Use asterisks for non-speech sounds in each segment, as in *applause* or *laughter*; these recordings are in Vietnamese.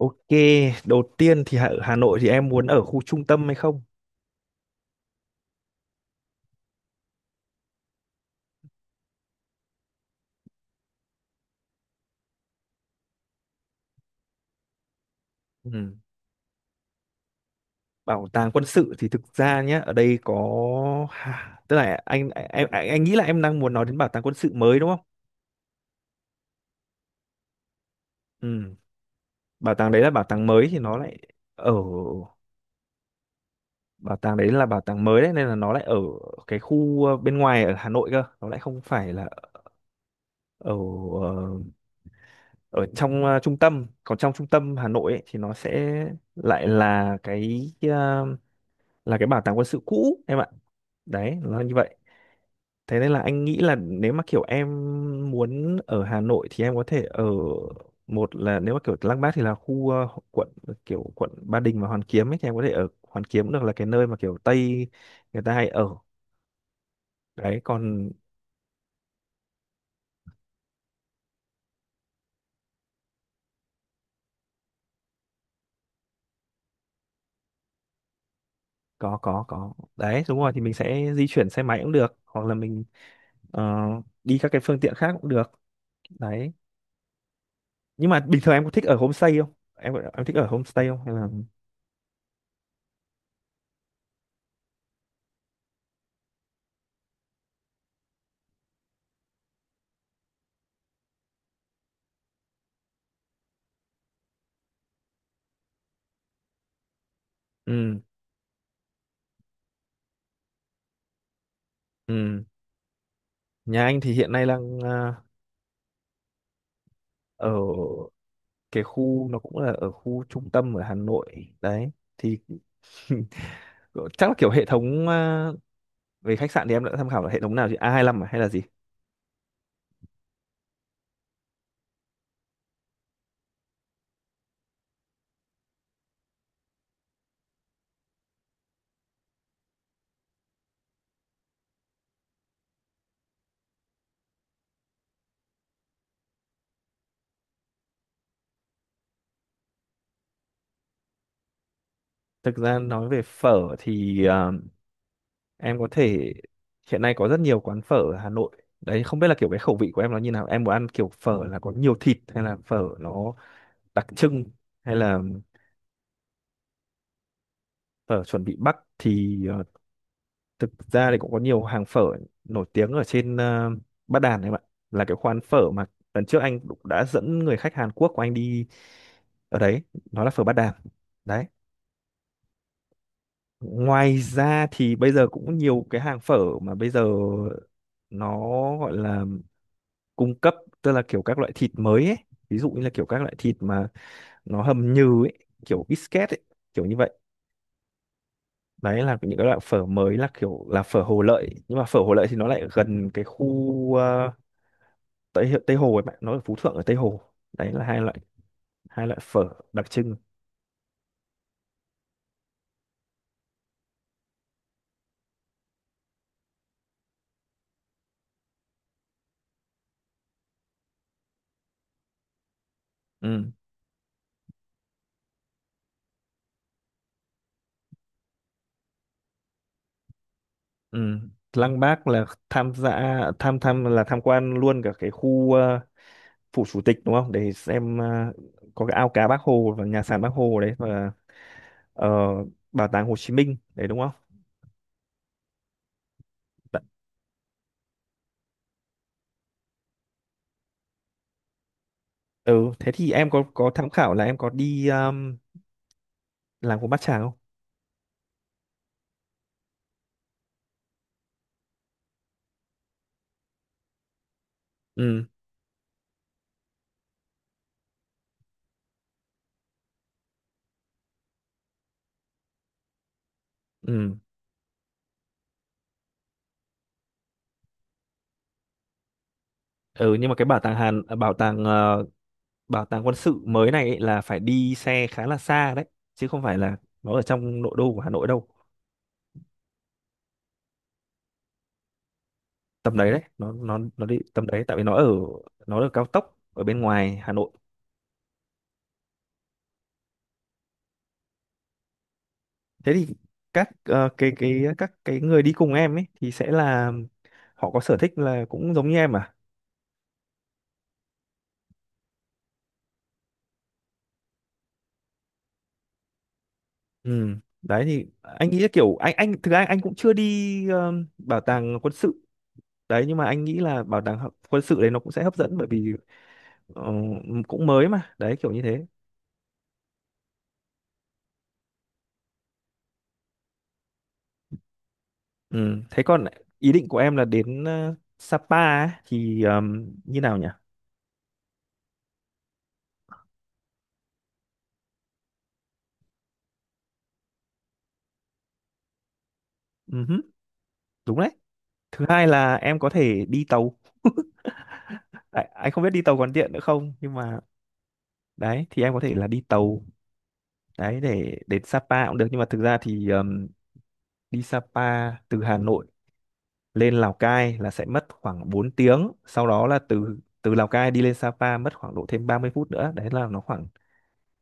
Ok, đầu tiên thì ở Hà Nội thì em muốn ở khu trung tâm hay không? Ừ. Bảo tàng quân sự thì thực ra nhé, ở đây có ha, tức là anh nghĩ là em đang muốn nói đến bảo tàng quân sự mới đúng không? Ừ. Bảo tàng đấy là bảo tàng mới thì nó lại ở Bảo tàng đấy là bảo tàng mới đấy nên là nó lại ở cái khu bên ngoài ở Hà Nội cơ, nó lại không phải là ở ờ, ở trong trung tâm. Còn trong trung tâm Hà Nội ấy, thì nó sẽ lại là cái bảo tàng quân sự cũ em ạ, đấy nó như vậy. Thế nên là anh nghĩ là nếu mà kiểu em muốn ở Hà Nội thì em có thể ở, một là nếu mà kiểu Lăng Bác thì là khu quận, kiểu quận Ba Đình và Hoàn Kiếm ấy, thì em có thể ở Hoàn Kiếm cũng được, là cái nơi mà kiểu Tây người ta hay ở đấy. Còn có đấy, đúng rồi, thì mình sẽ di chuyển xe máy cũng được hoặc là mình ờ, đi các cái phương tiện khác cũng được đấy. Nhưng mà bình thường em có thích ở homestay không, em thích ở homestay không hay là ừ ừ. Nhà anh thì hiện nay đang ở cái khu, nó cũng là ở khu trung tâm ở Hà Nội đấy thì *laughs* chắc là kiểu hệ thống về khách sạn thì em đã tham khảo là hệ thống nào chứ, A25 à, hay là gì. Thực ra nói về phở thì em có thể, hiện nay có rất nhiều quán phở ở Hà Nội đấy, không biết là kiểu cái khẩu vị của em nó như nào, em muốn ăn kiểu phở là có nhiều thịt hay là phở nó đặc trưng, hay là phở chuẩn bị Bắc thì thực ra thì cũng có nhiều hàng phở nổi tiếng ở trên Bát Đàn em ạ, là cái quán phở mà lần trước anh cũng đã dẫn người khách Hàn Quốc của anh đi ở đấy, nó là phở Bát Đàn đấy. Ngoài ra thì bây giờ cũng nhiều cái hàng phở mà bây giờ nó gọi là cung cấp, tức là kiểu các loại thịt mới ấy, ví dụ như là kiểu các loại thịt mà nó hầm nhừ ấy, kiểu biscuit ấy, kiểu như vậy. Đấy là những cái loại phở mới, là kiểu là phở Hồ Lợi, nhưng mà phở Hồ Lợi thì nó lại gần cái khu Tây Hi- Tây Hồ ấy, bạn nó ở Phú Thượng ở Tây Hồ. Đấy là hai loại, hai loại phở đặc trưng. Ừ ừ. Lăng Bác là tham gia tham tham là tham quan luôn cả cái khu phủ chủ tịch, đúng không, để xem có cái ao cá Bác Hồ và nhà sàn Bác Hồ đấy, và ờ, bảo tàng Hồ Chí Minh đấy, đúng không. Bạn- ừ thế thì em có tham khảo là em có đi làng của Bát Tràng không. Ừ ừ ừ nhưng mà cái bảo tàng Hàn bảo tàng quân sự mới này ấy là phải đi xe khá là xa đấy, chứ không phải là nó ở trong nội đô của Hà Nội đâu. Tầm đấy đấy, nó đi tầm đấy, tại vì nó ở, nó ở cao tốc ở bên ngoài Hà Nội. Thế thì các cái người đi cùng em ấy thì sẽ là họ có sở thích là cũng giống như em à. Ừ đấy thì anh nghĩ là kiểu anh thực ra anh cũng chưa đi bảo tàng quân sự đấy, nhưng mà anh nghĩ là bảo tàng quân sự đấy nó cũng sẽ hấp dẫn, bởi vì ờ, cũng mới mà, đấy kiểu như thế. Ừ. Thế còn ý định của em là đến Sapa ấy, thì như nào nhỉ? Ừ hứ, đúng đấy. Thứ hai là em có thể đi tàu. À, anh không biết đi tàu còn tiện nữa không, nhưng mà đấy thì em có thể là đi tàu đấy để đến Sapa cũng được, nhưng mà thực ra thì đi Sapa từ Hà Nội lên Lào Cai là sẽ mất khoảng 4 tiếng, sau đó là từ từ Lào Cai đi lên Sapa mất khoảng độ thêm 30 phút nữa. Đấy là nó khoảng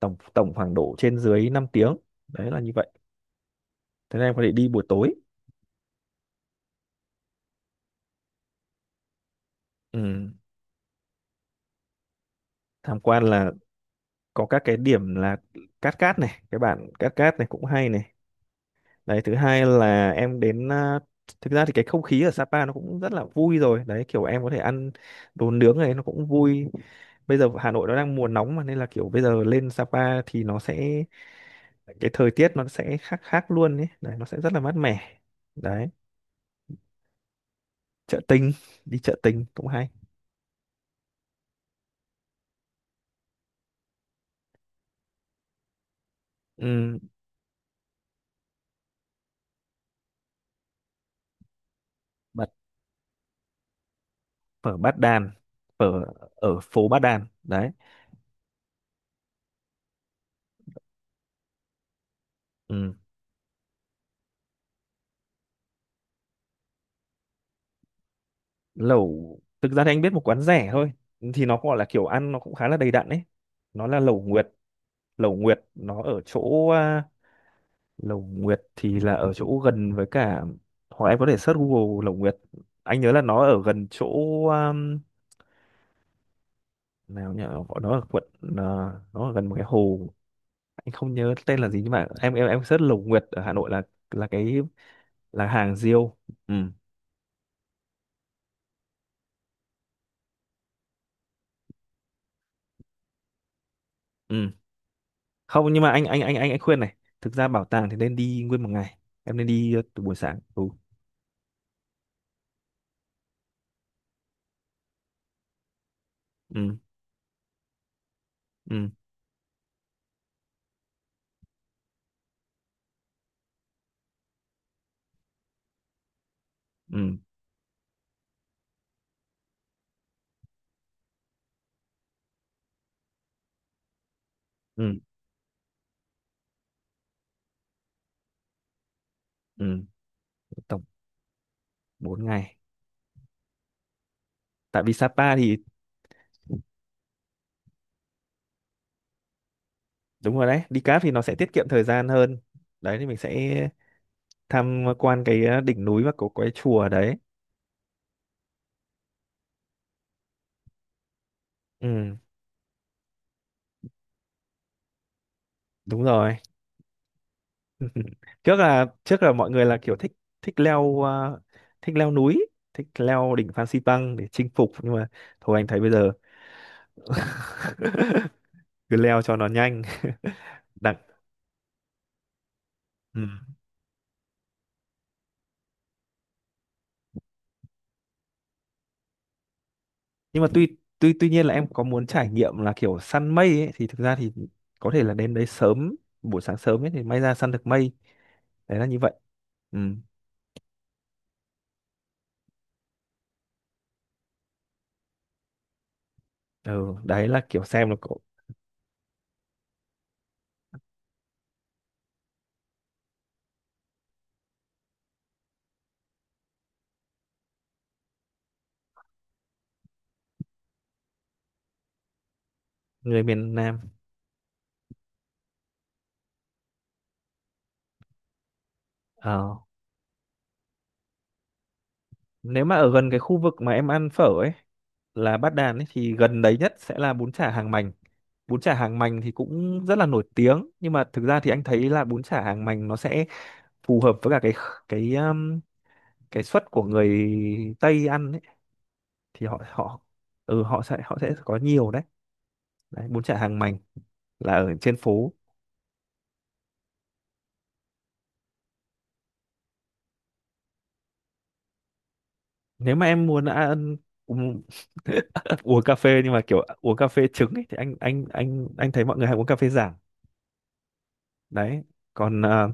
tổng tổng khoảng độ trên dưới 5 tiếng. Đấy là như vậy. Thế nên em có thể đi buổi tối. Ừ, tham quan là có các cái điểm là Cát Cát này, cái bản Cát Cát này cũng hay này. Đấy, thứ hai là em đến thực ra thì cái không khí ở Sapa nó cũng rất là vui rồi. Đấy, kiểu em có thể ăn đồ nướng này, nó cũng vui. Bây giờ Hà Nội nó đang mùa nóng mà, nên là kiểu bây giờ lên Sapa thì nó sẽ, cái thời tiết nó sẽ khác khác luôn ấy. Đấy, nó sẽ rất là mát mẻ. Đấy, chợ Tình, đi chợ Tình cũng hay. Ừ, bát phở Bát Đàn, phở ở phố Bát Đàn. Đấy. Ừ. Lẩu thực ra thì anh biết một quán rẻ thôi, thì nó gọi là kiểu ăn nó cũng khá là đầy đặn ấy, nó là lẩu Nguyệt. Lẩu Nguyệt nó ở chỗ lẩu Nguyệt thì là ở chỗ gần với cả, hoặc em có thể search Google lẩu Nguyệt. Anh nhớ là nó ở gần chỗ um, nào nhỉ, gọi nó ở quận nó ở gần một cái hồ, anh không nhớ tên là gì, nhưng mà em search lẩu Nguyệt ở Hà Nội là cái, là hàng riêu. Ừ ừ không, nhưng mà anh khuyên này, thực ra bảo tàng thì nên đi nguyên một ngày, em nên đi từ buổi sáng ừ ừ ừ ừ ừ, ừ. Tổng 4 ngày, tại vì Sapa thì đúng rồi đấy, đi cáp thì nó sẽ tiết kiệm thời gian hơn đấy, thì mình sẽ tham quan cái đỉnh núi và có cái chùa đấy. Ừ đúng rồi. *laughs* Trước là, trước là mọi người là kiểu thích, thích leo thích leo núi, thích leo đỉnh Phan Xipang để chinh phục, nhưng mà thôi anh thấy bây giờ *laughs* cứ leo cho nó nhanh. Đẳng ừ. Nhưng mà tuy tuy tuy nhiên là em có muốn trải nghiệm là kiểu săn mây ấy, thì thực ra thì có thể là đến đấy sớm, buổi sáng sớm ấy thì may ra săn được mây. Đấy là như vậy. Ừ. Ừ đấy là kiểu xem là có người miền Nam. Ờ, nếu mà ở gần cái khu vực mà em ăn phở ấy, là Bát Đàn ấy, thì gần đấy nhất sẽ là bún chả Hàng Mành. Bún chả Hàng Mành thì cũng rất là nổi tiếng, nhưng mà thực ra thì anh thấy là bún chả Hàng Mành nó sẽ phù hợp với cả cái um, cái suất của người Tây ăn ấy, thì họ họ ừ họ sẽ có nhiều đấy. Đấy bún chả Hàng Mành là ở trên phố. Nếu mà em muốn ăn uống, *laughs* uống cà phê nhưng mà kiểu uống cà phê trứng ấy, thì anh thấy mọi người hay uống cà phê Giảng đấy. Còn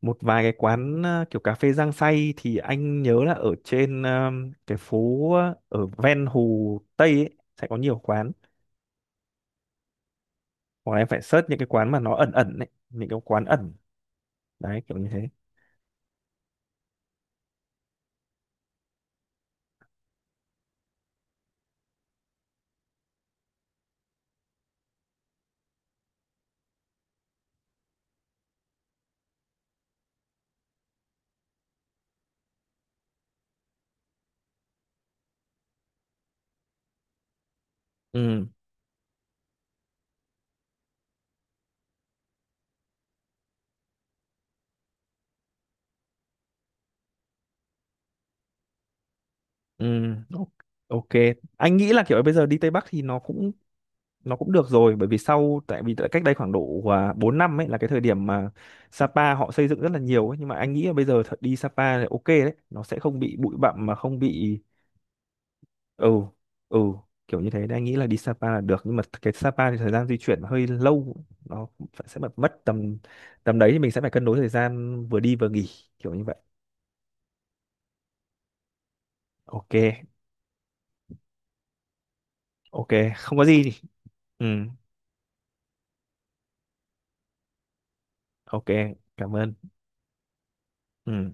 một vài cái quán kiểu cà phê Giang Say thì anh nhớ là ở trên cái phố ở ven Hồ Tây ấy, sẽ có nhiều quán, hoặc là em phải search những cái quán mà nó ẩn ẩn ấy, những cái quán ẩn. Đấy kiểu như thế. Ừ ừ, o- ok. Anh nghĩ là kiểu bây giờ đi Tây Bắc thì nó cũng, nó cũng được rồi, bởi vì sau tại vì tại cách đây khoảng độ 4 năm ấy là cái thời điểm mà Sapa họ xây dựng rất là nhiều ấy, nhưng mà anh nghĩ là bây giờ thật đi Sapa là ok đấy, nó sẽ không bị bụi bặm mà không bị ừ ừ, kiểu như thế. Nên anh nghĩ là đi Sapa là được, nhưng mà cái Sapa thì thời gian di chuyển hơi lâu, nó phải- sẽ mất mất tầm, tầm đấy thì mình sẽ phải cân đối thời gian vừa đi vừa nghỉ, kiểu như vậy. Ok, ok, không có gì. Ừ, ok, cảm ơn. Ừ.